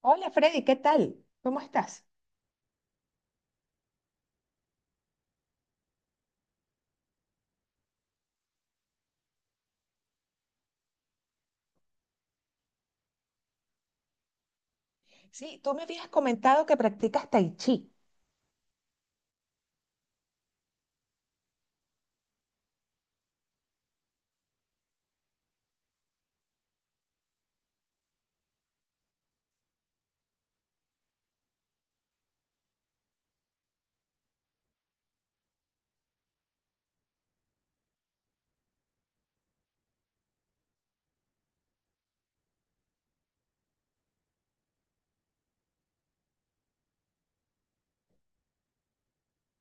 Hola, Freddy, ¿qué tal? ¿Cómo estás? Sí, tú me habías comentado que practicas tai chi.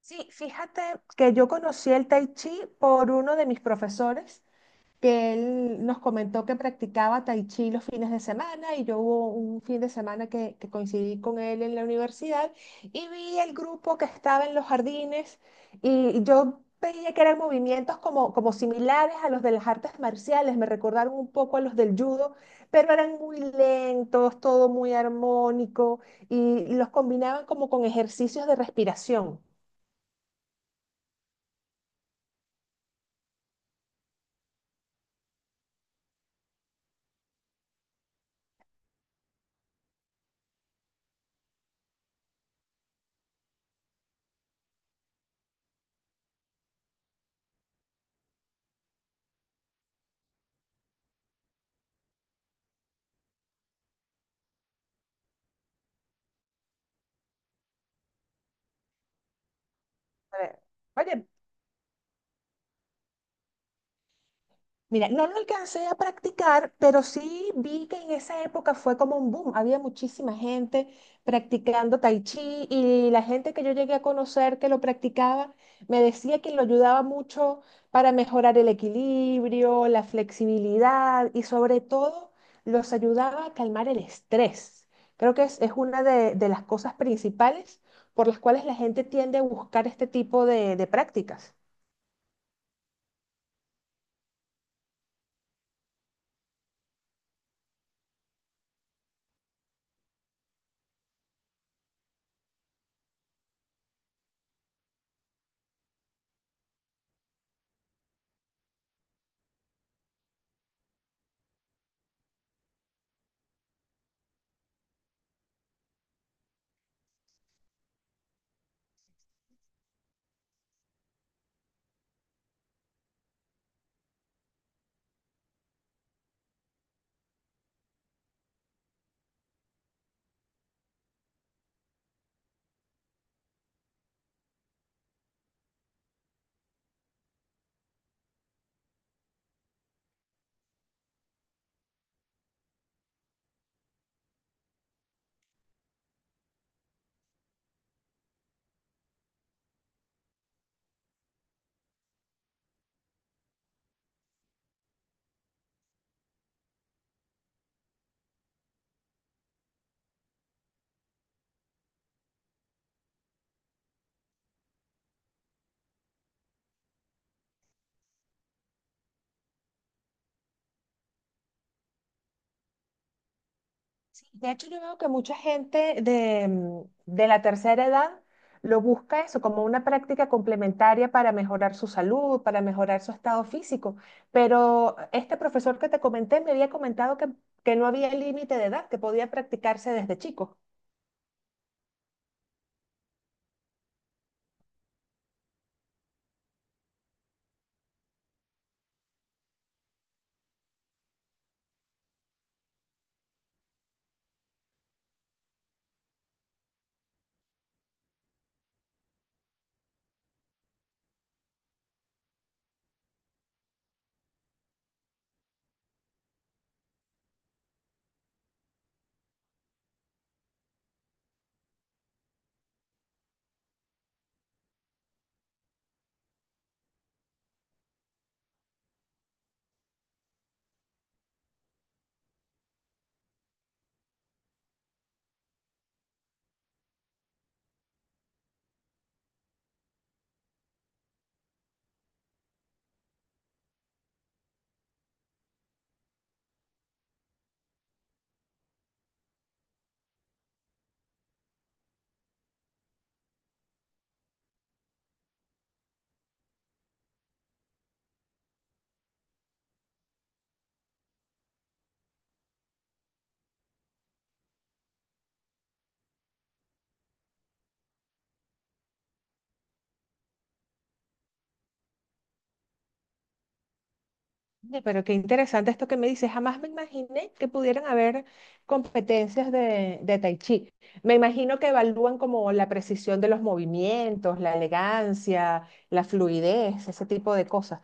Sí, fíjate que yo conocí el tai chi por uno de mis profesores que él nos comentó que practicaba tai chi los fines de semana y yo hubo un fin de semana que coincidí con él en la universidad y vi el grupo que estaba en los jardines y yo veía que eran movimientos como similares a los de las artes marciales. Me recordaron un poco a los del judo, pero eran muy lentos, todo muy armónico, y los combinaban como con ejercicios de respiración. A ver. Oye, mira, no lo alcancé a practicar, pero sí vi que en esa época fue como un boom. Había muchísima gente practicando tai chi, y la gente que yo llegué a conocer que lo practicaba me decía que lo ayudaba mucho para mejorar el equilibrio, la flexibilidad y sobre todo los ayudaba a calmar el estrés. Creo que es una de las cosas principales por las cuales la gente tiende a buscar este tipo de prácticas. Sí. De hecho, yo veo que mucha gente de, mm, de la tercera edad lo busca eso como una práctica complementaria para mejorar su salud, para mejorar su estado físico. Pero este profesor que te comenté me había comentado que no había límite de edad, que podía practicarse desde chico. Oye, pero qué interesante esto que me dices. Jamás me imaginé que pudieran haber competencias de tai chi. Me imagino que evalúan como la precisión de los movimientos, la elegancia, la fluidez, ese tipo de cosas.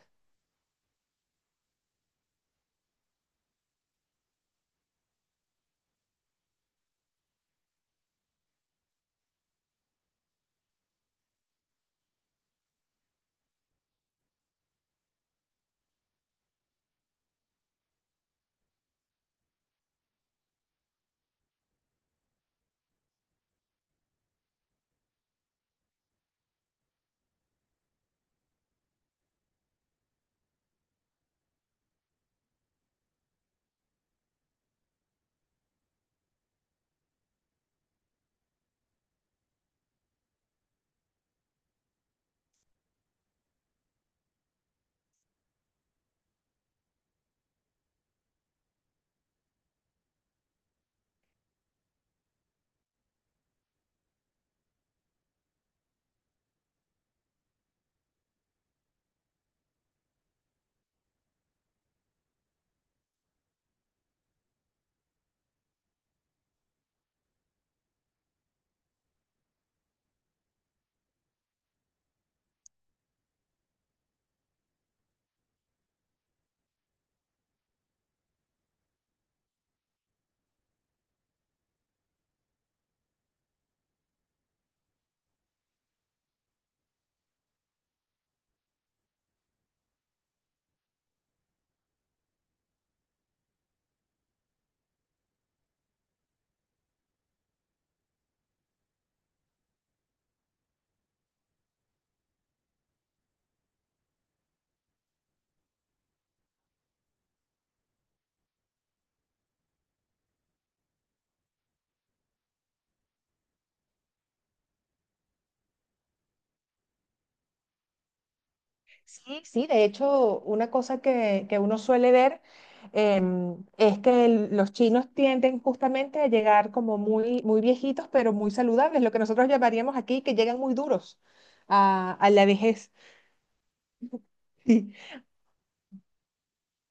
Sí, sí, de hecho, una cosa que uno suele ver, es que los chinos tienden justamente a llegar como muy, muy viejitos, pero muy saludables, lo que nosotros llamaríamos aquí que llegan muy duros a la vejez. Sí.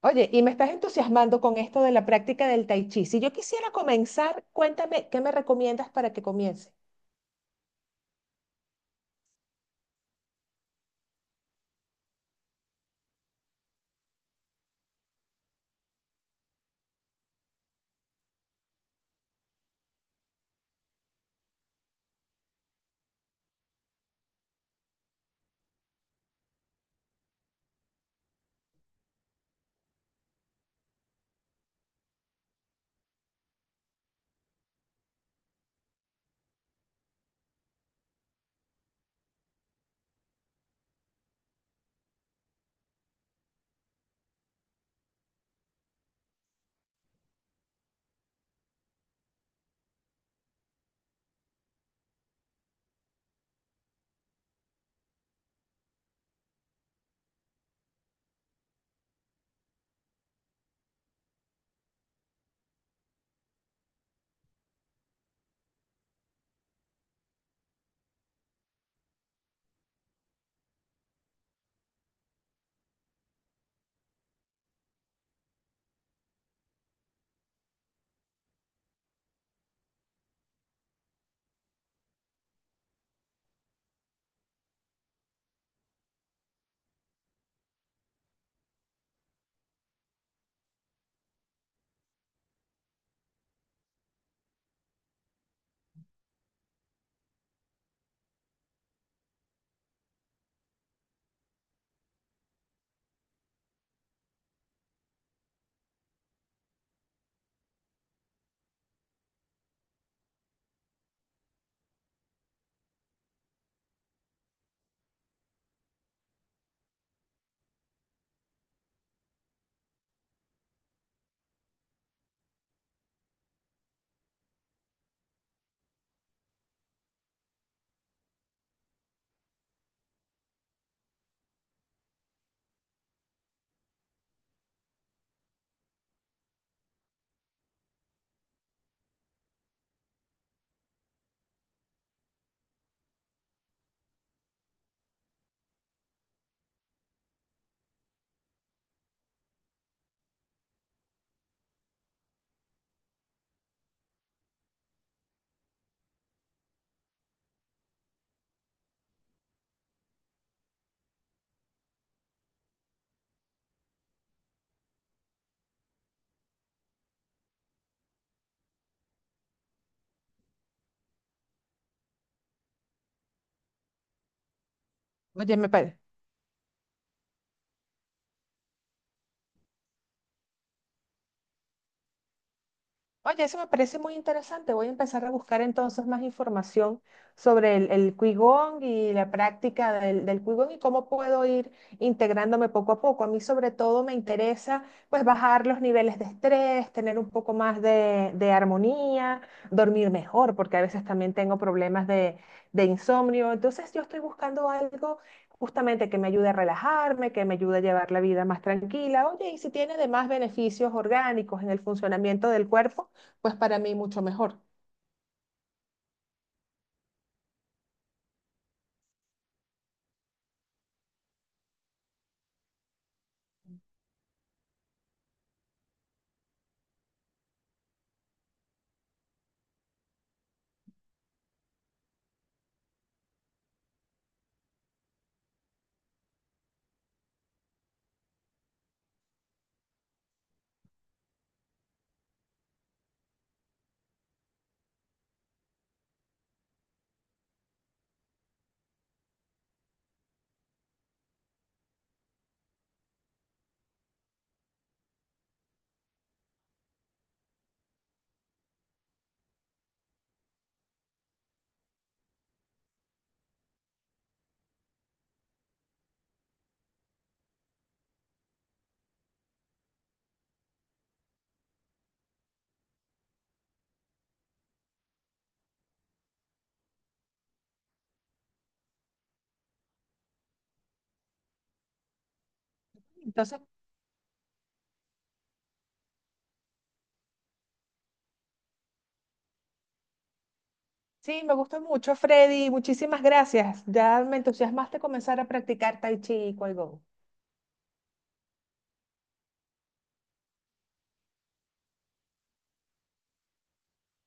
Oye, y me estás entusiasmando con esto de la práctica del tai chi. Si yo quisiera comenzar, cuéntame, ¿qué me recomiendas para que comience? Oye, me parece. Oye, eso me parece muy interesante. Voy a empezar a buscar entonces más información sobre el Qigong y la práctica del, del Qigong y cómo puedo ir integrándome poco a poco. A mí sobre todo me interesa pues bajar los niveles de estrés, tener un poco más de armonía, dormir mejor, porque a veces también tengo problemas de insomnio. Entonces yo estoy buscando algo justamente que me ayude a relajarme, que me ayude a llevar la vida más tranquila. Oye, y si tiene además beneficios orgánicos en el funcionamiento del cuerpo, pues para mí mucho mejor. Entonces sí, me gusta mucho, Freddy. Muchísimas gracias. Ya me entusiasmaste comenzar a practicar Tai Chi y Qigong.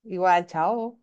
Igual, chao.